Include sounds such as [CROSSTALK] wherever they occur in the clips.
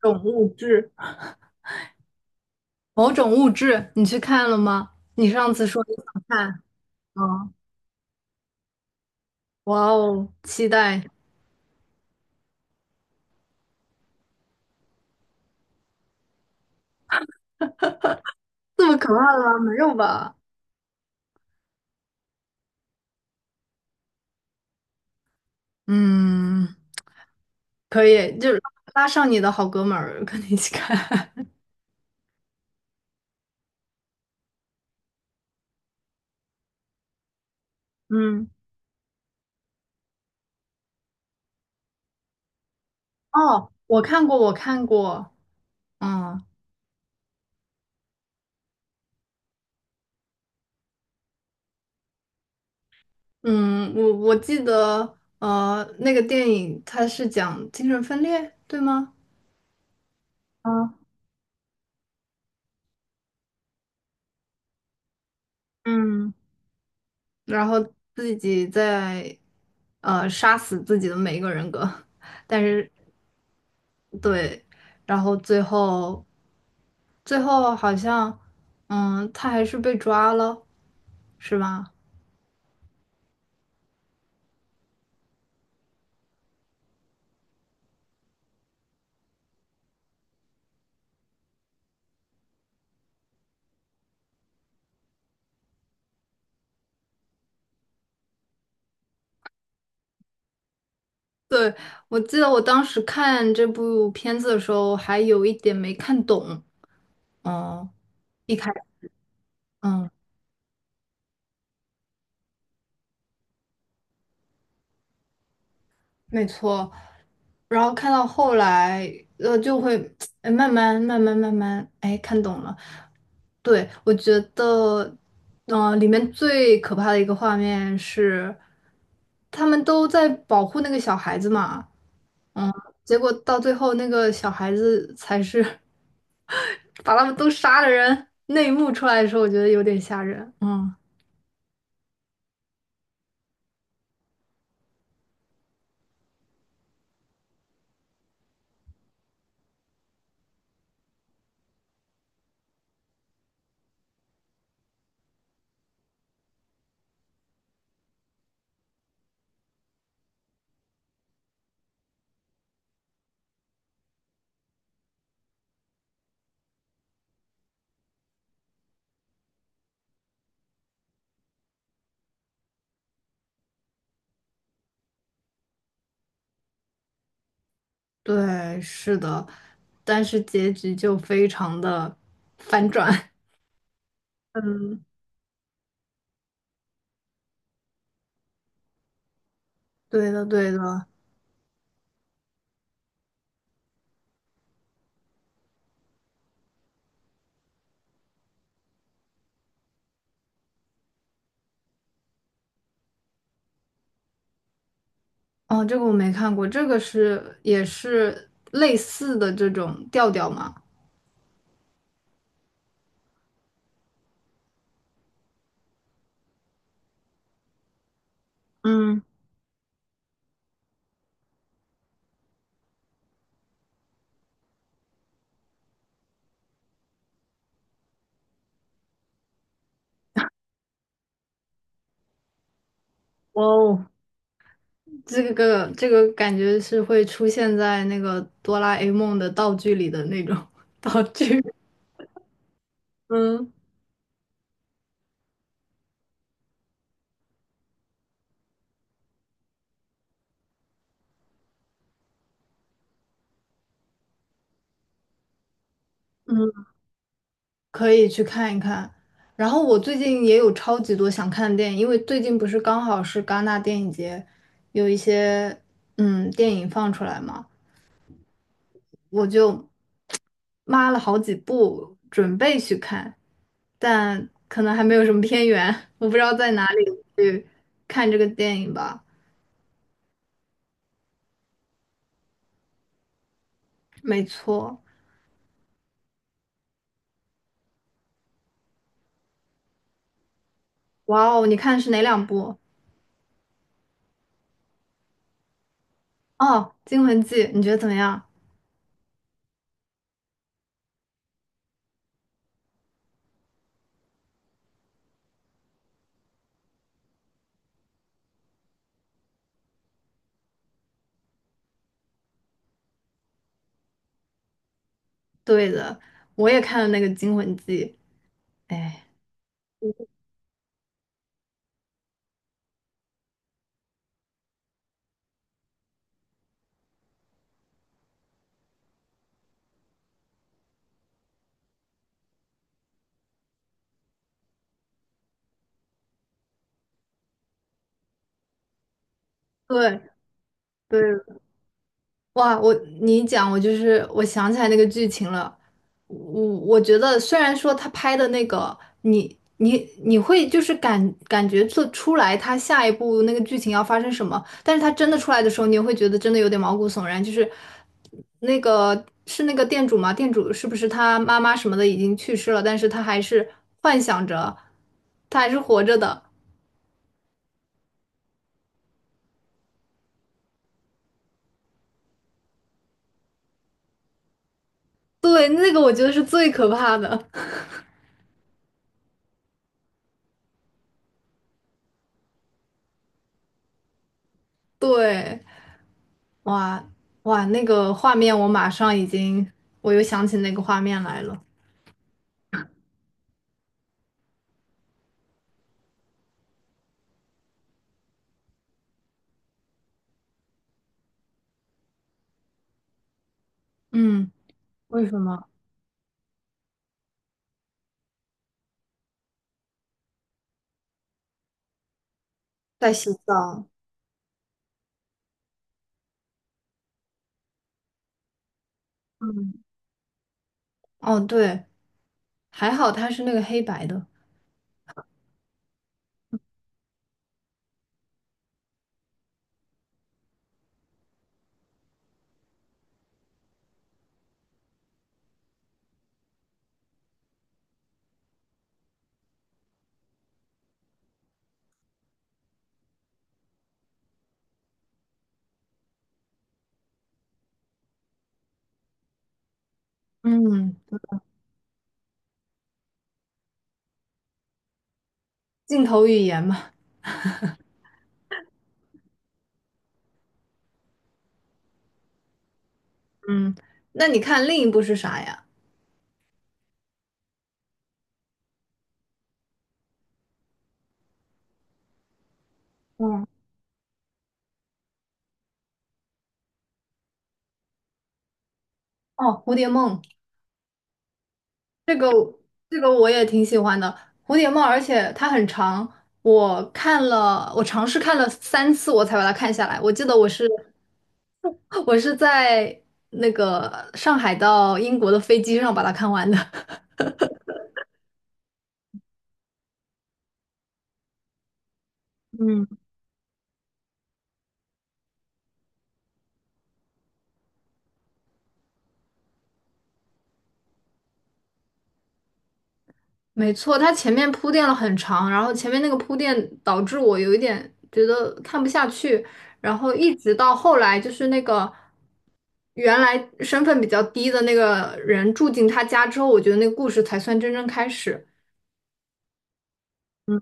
种物质，某种物质，你去看了吗？你上次说你想看，啊，哦，哇哦，期待，这么可怕吗？没有吧？嗯，可以，就是拉上你的好哥们儿跟你一起看。[LAUGHS] 嗯，哦，我看过，我看过，嗯嗯，我记得，那个电影它是讲精神分裂，对吗？啊，嗯，然后自己在杀死自己的每一个人格，但是对，然后最后好像，嗯，他还是被抓了，是吧？对，我记得我当时看这部片子的时候，还有一点没看懂，嗯，一开，嗯。没错，然后看到后来，就会哎慢慢慢慢慢慢哎看懂了。对，我觉得，嗯、里面最可怕的一个画面是，他们都在保护那个小孩子嘛，嗯，结果到最后那个小孩子才是 [LAUGHS] 把他们都杀了人。那一幕出来的时候，我觉得有点吓人。嗯，对，是的，但是结局就非常的反转。[LAUGHS] 嗯。对的，对的，哦，这个我没看过，这个是也是类似的这种调调嘛？嗯，哇哦，这个感觉是会出现在那个哆啦 A 梦的道具里的那种 [LAUGHS] 道具，[LAUGHS] 嗯，嗯可以去看一看。然后我最近也有超级多想看的电影，因为最近不是刚好是戛纳电影节，有一些电影放出来嘛，我就抹了好几部，准备去看，但可能还没有什么片源，[LAUGHS] 我不知道在哪里去看这个电影吧。没错，哇哦，你看的是哪两部？哦，《惊魂记》，你觉得怎么样？对的，我也看了那个《惊魂记》。哎，对对，哇，你一讲，我就是我想起来那个剧情了。我觉得，虽然说他拍的那个，你你你会就是感觉做出来他下一步那个剧情要发生什么，但是他真的出来的时候，你也会觉得真的有点毛骨悚然。就是那个是那个店主吗？店主是不是他妈妈什么的已经去世了，但是他还是幻想着他还是活着的。对，那个我觉得是最可怕的。[LAUGHS] 对。哇哇，那个画面我马上已经，我又想起那个画面来了。嗯，为什么在洗澡？嗯，哦对，还好它是那个黑白的。嗯，镜头语言嘛。嗯，那你看另一部是啥呀？嗯，哦，蝴蝶梦。这个这个我也挺喜欢的，蝴蝶帽，而且它很长，我看了，我尝试看了3次，我才把它看下来。我记得我是 [LAUGHS] 我是在那个上海到英国的飞机上把它看完的。[LAUGHS] 嗯。没错，他前面铺垫了很长，然后前面那个铺垫导致我有一点觉得看不下去，然后一直到后来就是那个原来身份比较低的那个人住进他家之后，我觉得那个故事才算真正开始。嗯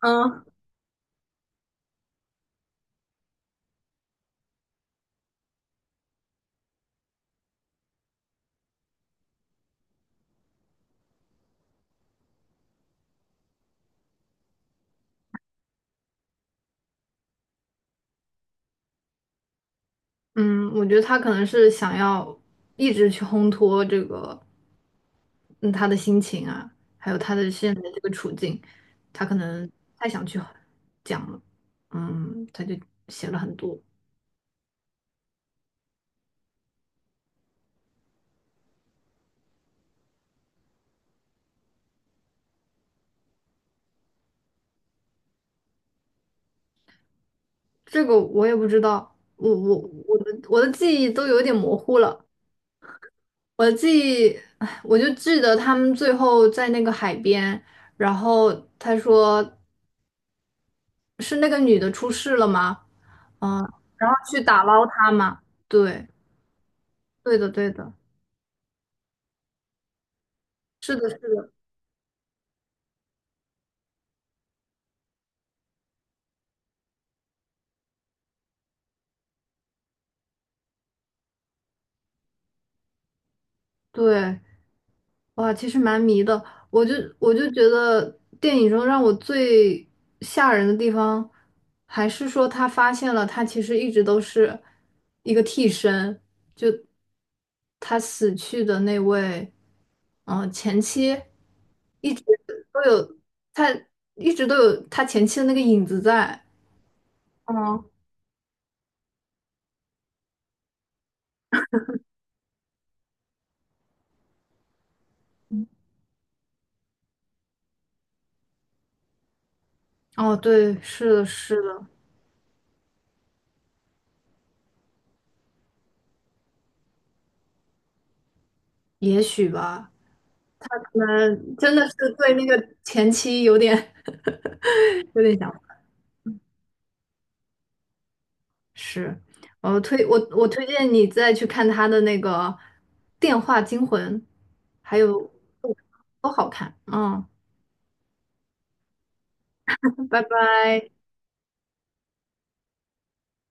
嗯，嗯，我觉得他可能是想要一直去烘托这个，嗯，他的心情啊，还有他的现在这个处境，他可能太想去讲了，嗯，他就写了很多。这个我也不知道，我的记忆都有点模糊了。我的记忆，唉我就记得他们最后在那个海边，然后他说是那个女的出事了吗？嗯，然后去打捞她嘛。对，对的，对的，是的，是的，对。哇，其实蛮迷的。我就我就觉得电影中让我最吓人的地方，还是说他发现了他其实一直都是一个替身，就他死去的那位，嗯、前妻一直都有他一直都有他前妻的那个影子在。嗯，哦，对，是的，是的，也许吧，可能真的是对那个前妻有点 [LAUGHS] 有点想。是，我推荐你再去看他的那个《电话惊魂》，还有都好看。嗯，拜拜。